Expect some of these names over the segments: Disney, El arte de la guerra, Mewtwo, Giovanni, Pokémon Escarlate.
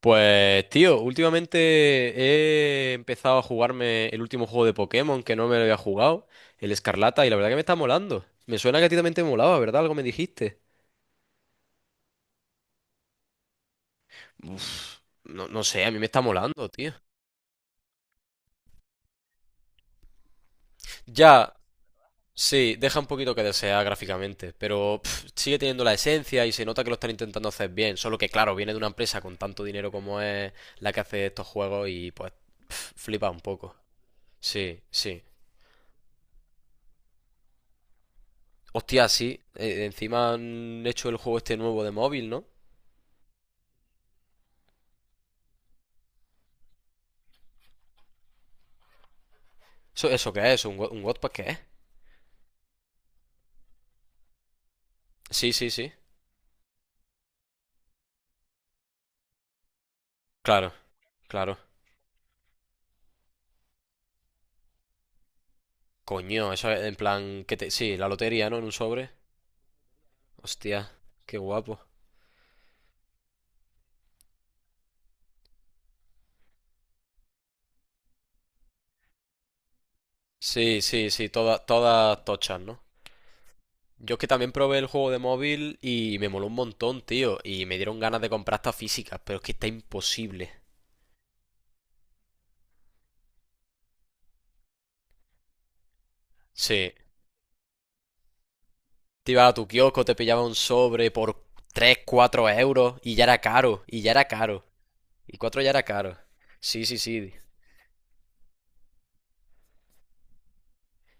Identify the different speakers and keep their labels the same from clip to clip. Speaker 1: Pues tío, últimamente he empezado a jugarme el último juego de Pokémon que no me lo había jugado, el Escarlata, y la verdad que me está molando. Me suena que a ti también te molaba, ¿verdad? Algo me dijiste. Uf, no, no sé, a mí me está molando, tío. Ya, sí, deja un poquito que desear gráficamente, pero pf, sigue teniendo la esencia y se nota que lo están intentando hacer bien, solo que claro, viene de una empresa con tanto dinero como es la que hace estos juegos y pues pf, flipa un poco. Sí, sí. Hostia, sí. Encima han hecho el juego este nuevo de móvil, ¿no? ¿Eso qué es? ¿Un Wattpad qué es? Sí, sí, sí. Claro, claro. Coño, eso es en plan Sí, la lotería, ¿no? En un sobre. Hostia, qué guapo. Sí, sí, sí, todas, todas tochas, ¿no? Yo es que también probé el juego de móvil y me moló un montón, tío. Y me dieron ganas de comprar estas físicas, pero es que está imposible. Sí. Te ibas a tu kiosco, te pillaba un sobre por 3, 4 euros y ya era caro, y ya era caro. Y 4 ya era caro. Sí, sí, sí.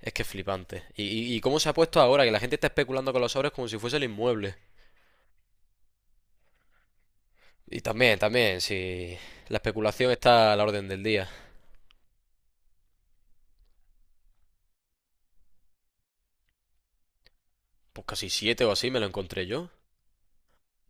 Speaker 1: Es que es flipante. Y cómo se ha puesto ahora, que la gente está especulando con los sobres como si fuese el inmueble. Y también, también, si la especulación está a la orden del día. Pues casi siete o así me lo encontré yo.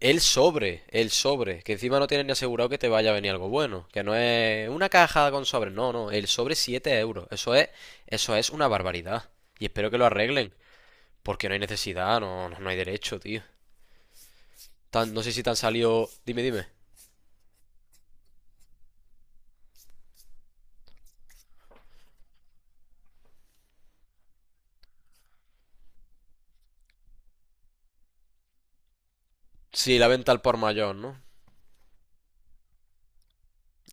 Speaker 1: El sobre, que encima no tienes ni asegurado que te vaya a venir algo bueno, que no es una caja con sobres, no, no, el sobre 7 euros, eso es una barbaridad. Y espero que lo arreglen, porque no hay necesidad, no, no, no hay derecho, tío. No sé si te han salido, dime, dime. Sí, la venta al por mayor, ¿no?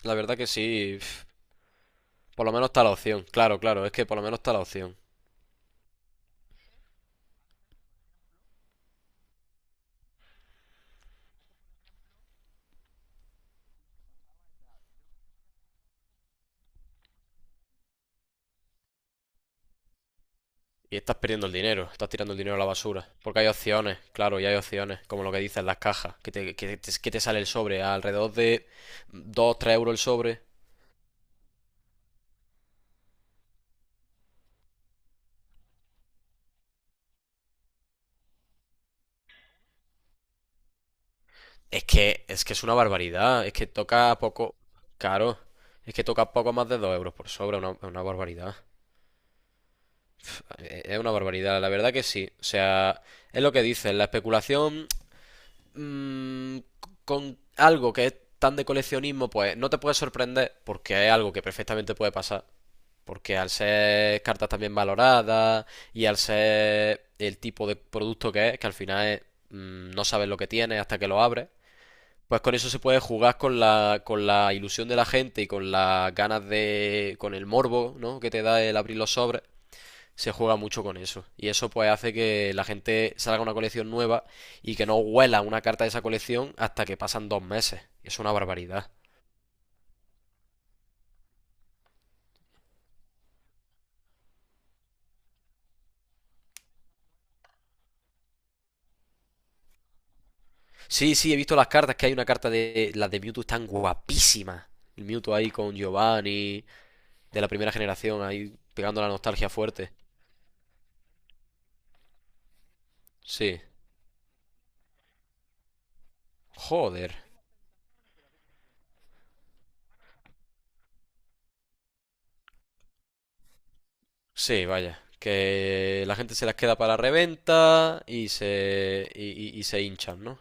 Speaker 1: La verdad que sí. Pf, por lo menos está la opción. Claro, claro, es que por lo menos está la opción. Y estás perdiendo el dinero, estás tirando el dinero a la basura. Porque hay opciones, claro, y hay opciones, como lo que dicen las cajas, que te sale el sobre a alrededor de 2, 3 euros el sobre. Es que es una barbaridad, es que toca poco. Claro, es que toca poco más de 2 euros por sobre. Es una barbaridad. Es una barbaridad, la verdad que sí. O sea, es lo que dicen, la especulación mm, con algo que es tan de coleccionismo, pues no te puede sorprender porque es algo que perfectamente puede pasar. Porque al ser cartas también valoradas y al ser el tipo de producto que es, que al final es no sabes lo que tienes hasta que lo abres, pues con eso se puede jugar con la ilusión de la gente y con las ganas de, con el morbo, ¿no?, que te da el abrir los sobres, se juega mucho con eso. Y eso pues hace que la gente salga una colección nueva y que no huela una carta de esa colección hasta que pasan 2 meses. Es una barbaridad. Sí, sí, he visto las cartas, que hay una carta Las de Mewtwo están guapísimas. El Mewtwo ahí con Giovanni, de la primera generación, ahí pegando la nostalgia fuerte. Sí. Joder. Sí, vaya. Que la gente se las queda para reventa y se hinchan, ¿no?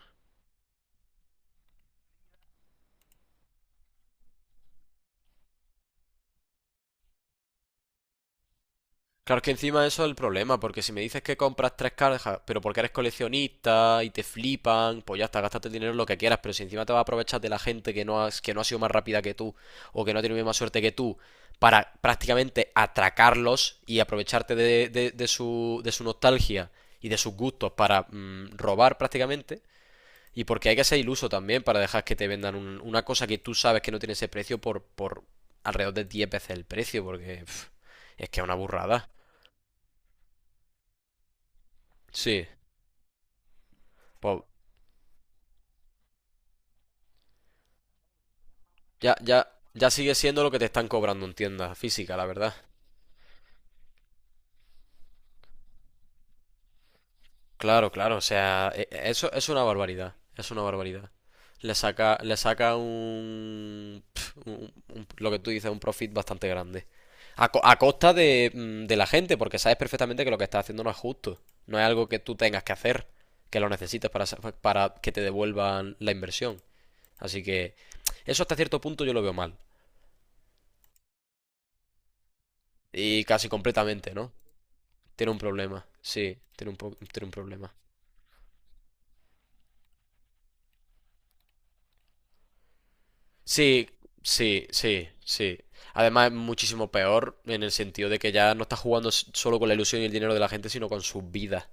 Speaker 1: Claro que encima eso es el problema, porque si me dices que compras tres cajas, pero porque eres coleccionista y te flipan, pues ya está, gástate el dinero en lo que quieras, pero si encima te vas a aprovechar de la gente que no ha sido más rápida que tú o que no tiene la misma suerte que tú para prácticamente atracarlos y aprovecharte de su nostalgia y de sus gustos para robar prácticamente, y porque hay que ser iluso también para dejar que te vendan una cosa que tú sabes que no tiene ese precio por alrededor de 10 veces el precio, porque pf, es que es una burrada. Sí, pues ya, ya, ya sigue siendo lo que te están cobrando en tienda física, la verdad. Claro, claro, o sea, eso es una barbaridad, es una barbaridad. Le saca un, pf, un- lo que tú dices, un profit bastante grande. A costa de la gente, porque sabes perfectamente que lo que estás haciendo no es justo. No es algo que tú tengas que hacer, que lo necesites para que te devuelvan la inversión. Así que eso hasta cierto punto yo lo veo mal. Y casi completamente, ¿no? Tiene un problema, sí, tiene un problema. Sí, sí, sí, sí. Además es muchísimo peor en el sentido de que ya no está jugando solo con la ilusión y el dinero de la gente, sino con sus vidas,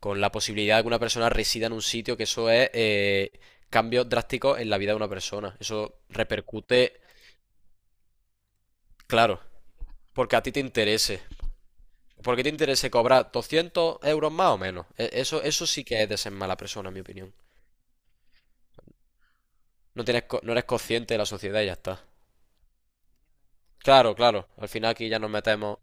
Speaker 1: con la posibilidad de que una persona resida en un sitio, que eso es cambios drásticos en la vida de una persona. Eso repercute, claro, porque a ti te interese. Porque te interese cobrar 200 euros más o menos. Eso sí que es de ser mala persona, en mi opinión. No eres consciente de la sociedad y ya está. Claro, claro. Al final aquí ya nos metemos.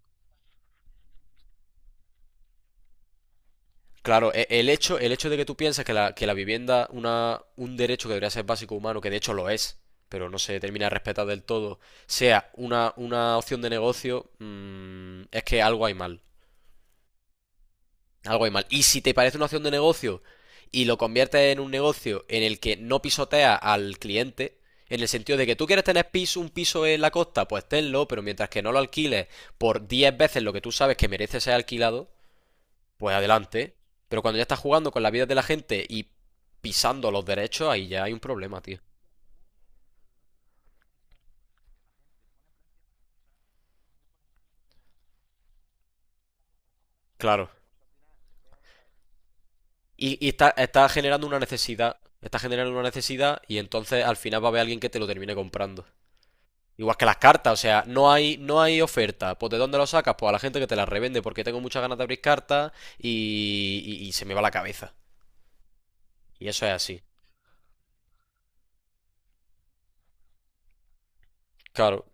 Speaker 1: Claro, el hecho de que tú pienses que la vivienda, un derecho que debería ser básico humano, que de hecho lo es, pero no se termina de respetar del todo, sea una opción de negocio, es que algo hay mal. Algo hay mal. Y si te parece una opción de negocio y lo conviertes en un negocio en el que no pisotea al cliente, en el sentido de que tú quieres tener piso, un piso en la costa, pues tenlo, pero mientras que no lo alquiles por 10 veces lo que tú sabes que merece ser alquilado, pues adelante. Pero cuando ya estás jugando con la vida de la gente y pisando los derechos, ahí ya hay un problema, tío. Claro. Y está generando una necesidad. Está generando una necesidad y entonces al final va a haber alguien que te lo termine comprando. Igual que las cartas, o sea, no hay oferta. Pues ¿de dónde lo sacas? Pues a la gente que te las revende porque tengo muchas ganas de abrir cartas y se me va la cabeza. Y eso es así. Claro.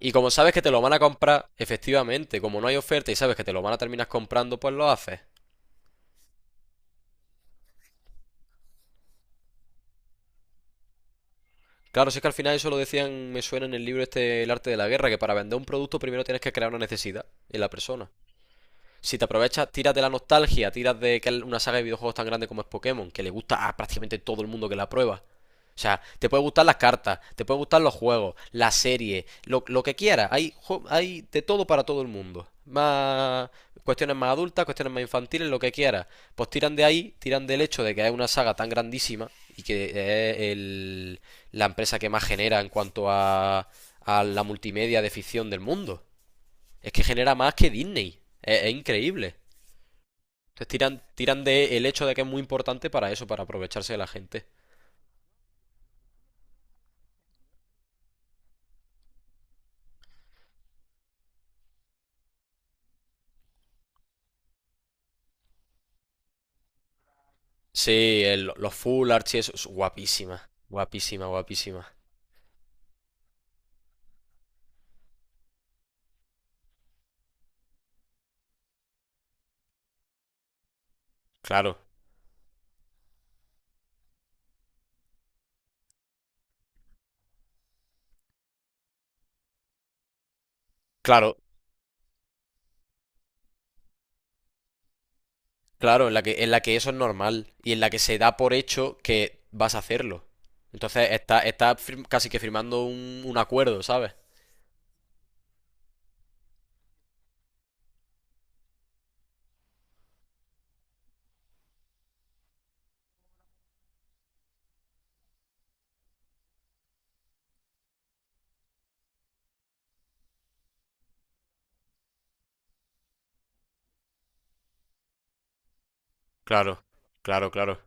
Speaker 1: Y como sabes que te lo van a comprar, efectivamente, como no hay oferta y sabes que te lo van a terminar comprando, pues lo haces. Claro, si es que al final eso lo decían, me suena en el libro este, El arte de la guerra, que para vender un producto primero tienes que crear una necesidad en la persona. Si te aprovechas, tiras de la nostalgia, tiras de que es una saga de videojuegos tan grande como es Pokémon, que le gusta a prácticamente todo el mundo que la prueba. O sea, te puede gustar las cartas, te puede gustar los juegos, la serie, lo que quieras. Hay de todo para todo el mundo. Más cuestiones más adultas, cuestiones más infantiles, lo que quieras. Pues tiran de ahí, tiran del hecho de que es una saga tan grandísima y que es la empresa que más genera en cuanto a la multimedia de ficción del mundo. Es que genera más que Disney. Es increíble. Entonces tiran de el hecho de que es muy importante para eso, para aprovecharse de la gente. Sí, los full archies, eso es guapísima, guapísima, guapísima. Claro, claro, claro, en la que eso es normal y en la que se da por hecho que vas a hacerlo. Entonces está, casi que firmando un acuerdo, ¿sabes? Claro, claro, claro.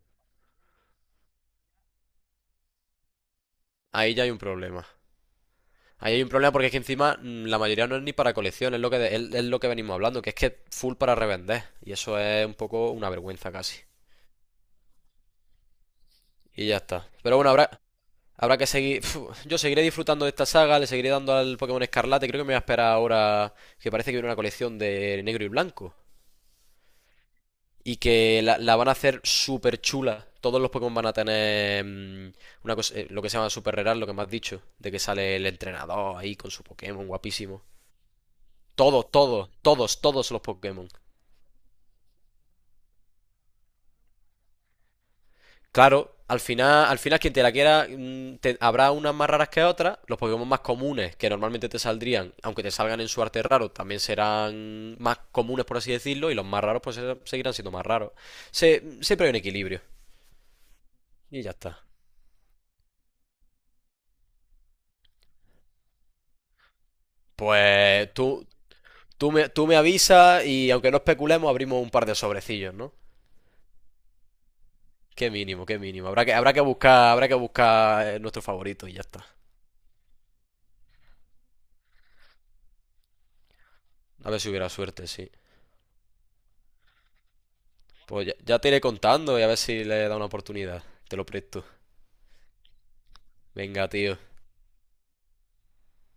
Speaker 1: Ahí ya hay un problema. Ahí hay un problema porque es que encima la mayoría no es ni para colección, es lo que venimos hablando, que es que full para revender. Y eso es un poco una vergüenza casi. Y ya está. Pero bueno, habrá que seguir. Uf, yo seguiré disfrutando de esta saga, le seguiré dando al Pokémon Escarlate. Creo que me voy a esperar ahora que parece que viene una colección de negro y blanco. Y que la van a hacer súper chula. Todos los Pokémon van a tener una cosa, lo que se llama Super Rare, lo que me has dicho. De que sale el entrenador ahí con su Pokémon, guapísimo. Todos, todos, todos, todos los Pokémon. Claro, al final quien te la quiera, habrá unas más raras que otras. Los Pokémon más comunes que normalmente te saldrían, aunque te salgan en su arte raro, también serán más comunes, por así decirlo, y los más raros pues seguirán siendo más raros. Siempre hay un equilibrio. Y ya está. Pues tú, tú me avisas y aunque no especulemos, abrimos un par de sobrecillos, ¿no? Qué mínimo, qué mínimo. Habrá que buscar nuestro favorito y ya está. A ver si hubiera suerte, sí. Pues ya te iré contando y a ver si le he dado una oportunidad. Te lo presto. Venga, tío.